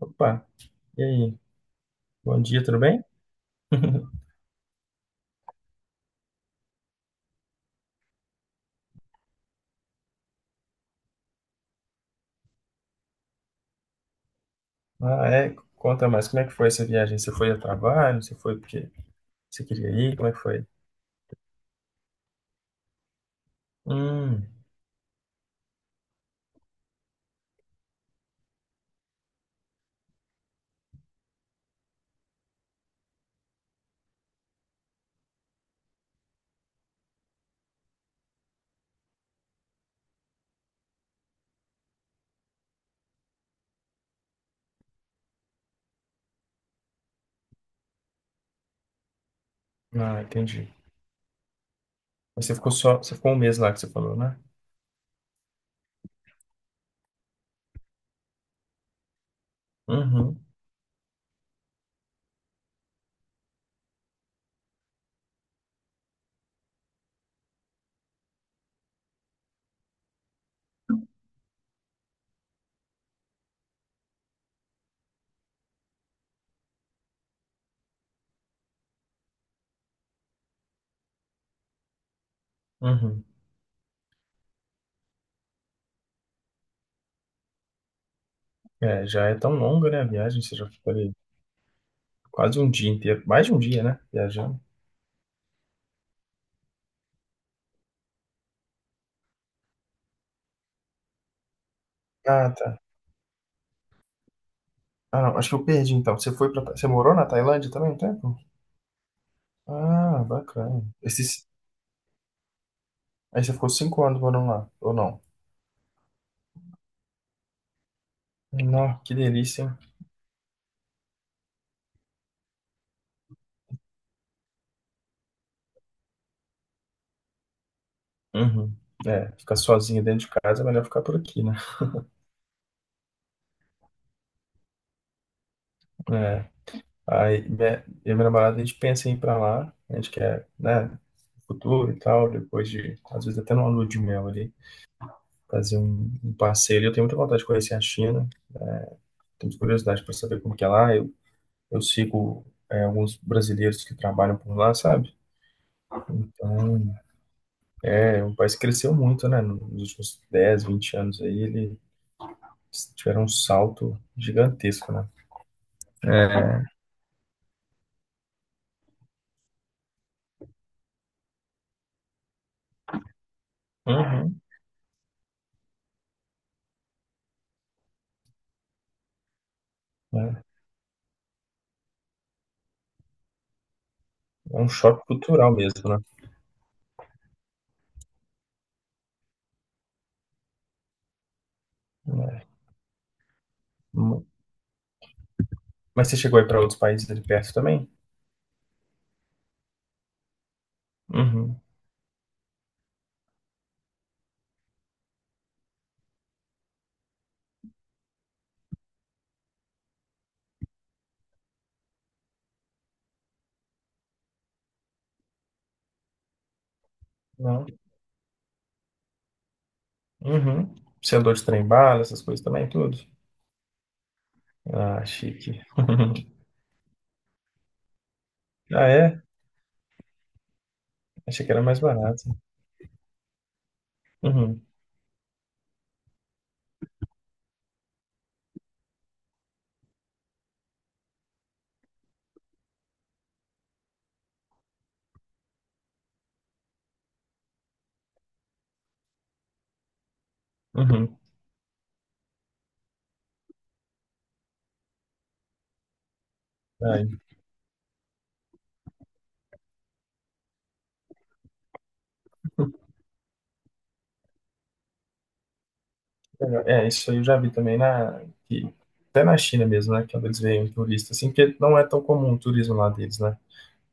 Opa, e aí? Bom dia, tudo bem? Ah, é, conta mais, como é que foi essa viagem? Você foi a trabalho? Você foi porque você queria ir? Como é que foi? Hum, ah, entendi. Mas você ficou um mês lá que você falou, né? Uhum, uhum. É, já é tão longa, né, a viagem, você já ficou ali quase um dia inteiro, mais de um dia, né, viajando. Ah, tá. Ah, não, acho que eu perdi então. Você morou na Tailândia também um tempo? Ah, bacana. Aí você ficou 5 anos morando lá, ou não? Não, que delícia, hein? Uhum. É, ficar sozinho dentro de casa é melhor ficar por aqui, né? É. Aí minha, eu e minha namorada, a gente pensa em ir pra lá, a gente quer, né, no futuro e tal, depois de, às vezes até numa lua de mel ali, fazer um, um passeio. Eu tenho muita vontade de conhecer a China, tenho curiosidade para saber como que é lá. Eu sigo, é, alguns brasileiros que trabalham por lá, sabe? Então, é, o país cresceu muito, né, nos últimos 10 20 anos aí, ele tiveram um salto gigantesco, né? É. Uhum. É. É um choque cultural mesmo, né? É. Mu- Mas você chegou aí para outros países ali perto também? Uhum. Não? Uhum. Você andou de trem-bala, essas coisas também, tudo? Ah, chique. Ah, é? Achei que era mais barato. Uhum. Uhum. Aí, legal. É, isso aí eu já vi também até na China mesmo, né? Quando eles veem um turista, assim, porque não é tão comum o turismo lá deles, né?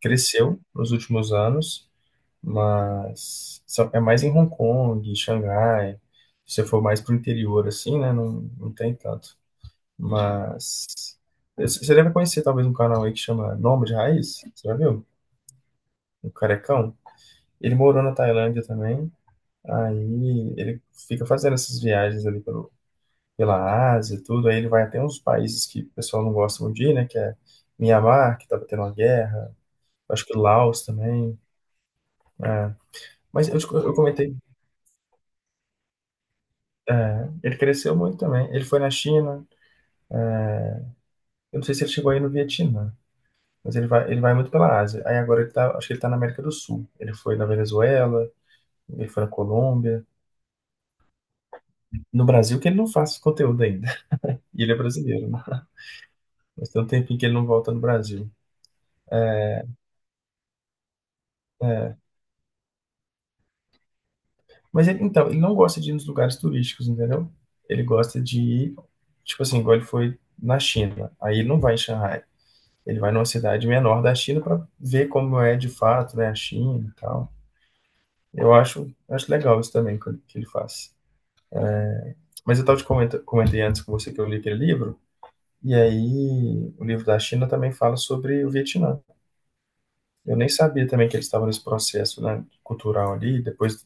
Cresceu nos últimos anos, mas é mais em Hong Kong, Xangai. Se você for mais pro interior, assim, né? Não, não tem tanto. Mas você deve conhecer talvez um canal aí que chama Nômade Raiz, você já viu? O Carecão. Ele morou na Tailândia também, aí ele fica fazendo essas viagens ali pela Ásia e tudo, aí ele vai até uns países que o pessoal não gosta muito de ir, né? Que é Mianmar que tava tendo uma guerra, acho que Laos também. É. Mas eu comentei. É, ele cresceu muito também. Ele foi na China. Eu não sei se ele chegou aí no Vietnã, mas ele vai muito pela Ásia. Aí agora ele tá, acho que ele tá na América do Sul. Ele foi na Venezuela, ele foi na Colômbia. No Brasil que ele não faz conteúdo ainda. E ele é brasileiro, né? Mas tem um tempinho que ele não volta no Brasil. Mas ele, então, ele não gosta de ir nos lugares turísticos, entendeu? Ele gosta de ir, tipo assim, igual ele foi na China. Aí ele não vai em Xangai. Ele vai numa cidade menor da China para ver como é de fato, né, a China e tal. Eu acho, acho legal isso também que ele faz. Mas eu estava comentei antes com você que eu li aquele livro, e aí o livro da China também fala sobre o Vietnã. Eu nem sabia também que eles estavam nesse processo, né, cultural ali. Depois,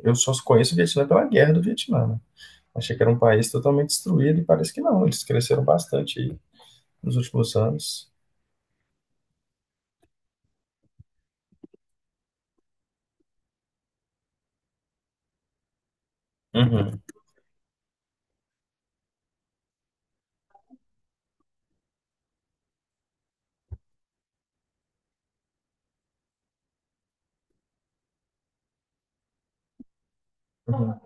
eu só conheço o Vietnã pela guerra do Vietnã, né? Achei que era um país totalmente destruído e parece que não. Eles cresceram bastante aí nos últimos anos. Uhum, uhum,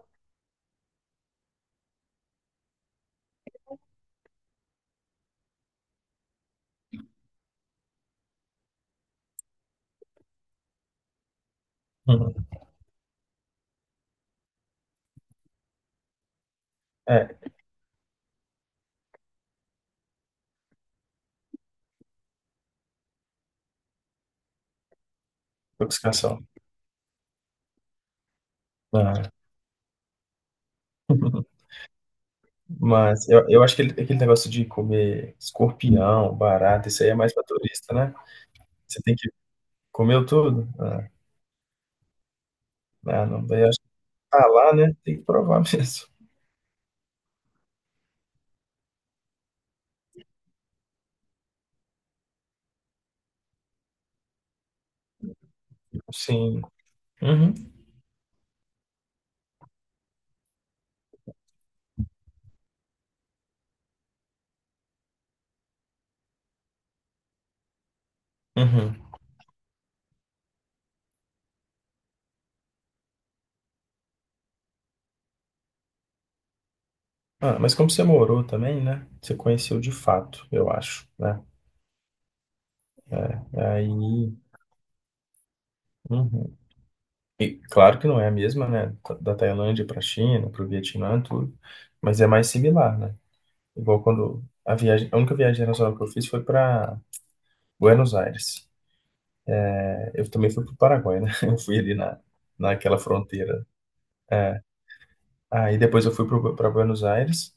uhum. É, obcecação. Ah. Mas eu acho que aquele negócio de comer escorpião, barata, isso aí é mais pra turista, né? Você tem que comer tudo? Ah, não, daí eu acho que tá lá, né? Tem que provar mesmo. Sim. Uhum, uhum. Ah, mas como você morou também, né? Você conheceu de fato, eu acho, né? É, é aí, uhum. E claro que não é a mesma, né? Da Tailândia para a China, para o Vietnã, tudo, mas é mais similar, né? Igual quando a viagem, a única viagem internacional que eu fiz foi para Buenos Aires. Eu também fui para o Paraguai, né? Eu fui ali naquela fronteira. É. Aí depois eu fui para Buenos Aires.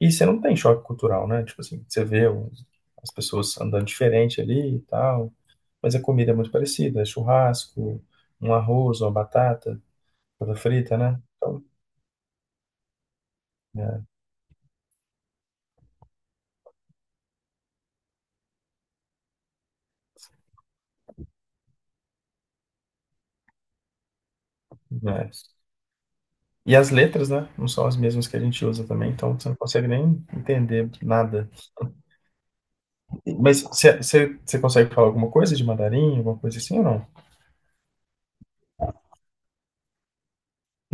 E você não tem choque cultural, né? Tipo assim, você vê as pessoas andando diferente ali e tal. Mas a comida é muito parecida. É churrasco, um arroz, uma batata, batata frita, né? Então, é, é. E as letras, né? Não são as mesmas que a gente usa também. Então você não consegue nem entender nada. Mas você consegue falar alguma coisa de mandarim, alguma coisa assim ou não?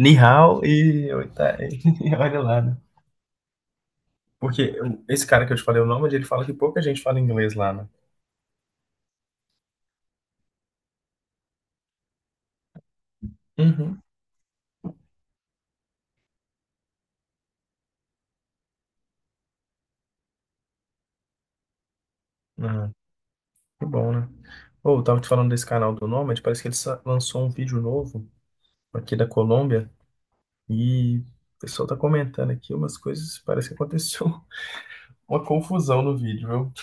Ni hao e olha lá, né? Porque esse cara que eu te falei o nome, ele fala que pouca gente fala inglês lá, né? Uhum. Ah, que bom, né? Ou eu tava te falando desse canal do Nomad, parece que lançou um vídeo novo aqui da Colômbia e o pessoal tá comentando aqui umas coisas, parece que aconteceu uma confusão no vídeo, viu?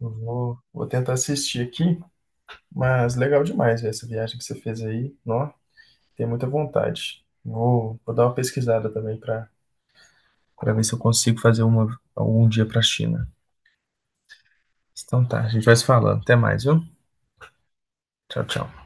Eu vou tentar assistir aqui, mas legal demais essa viagem que você fez aí, nó, tem muita vontade. Vou dar uma pesquisada também pra para ver se eu consigo fazer uma algum dia para a China. Então tá, a gente vai se falando. Até mais, viu? Tchau, tchau.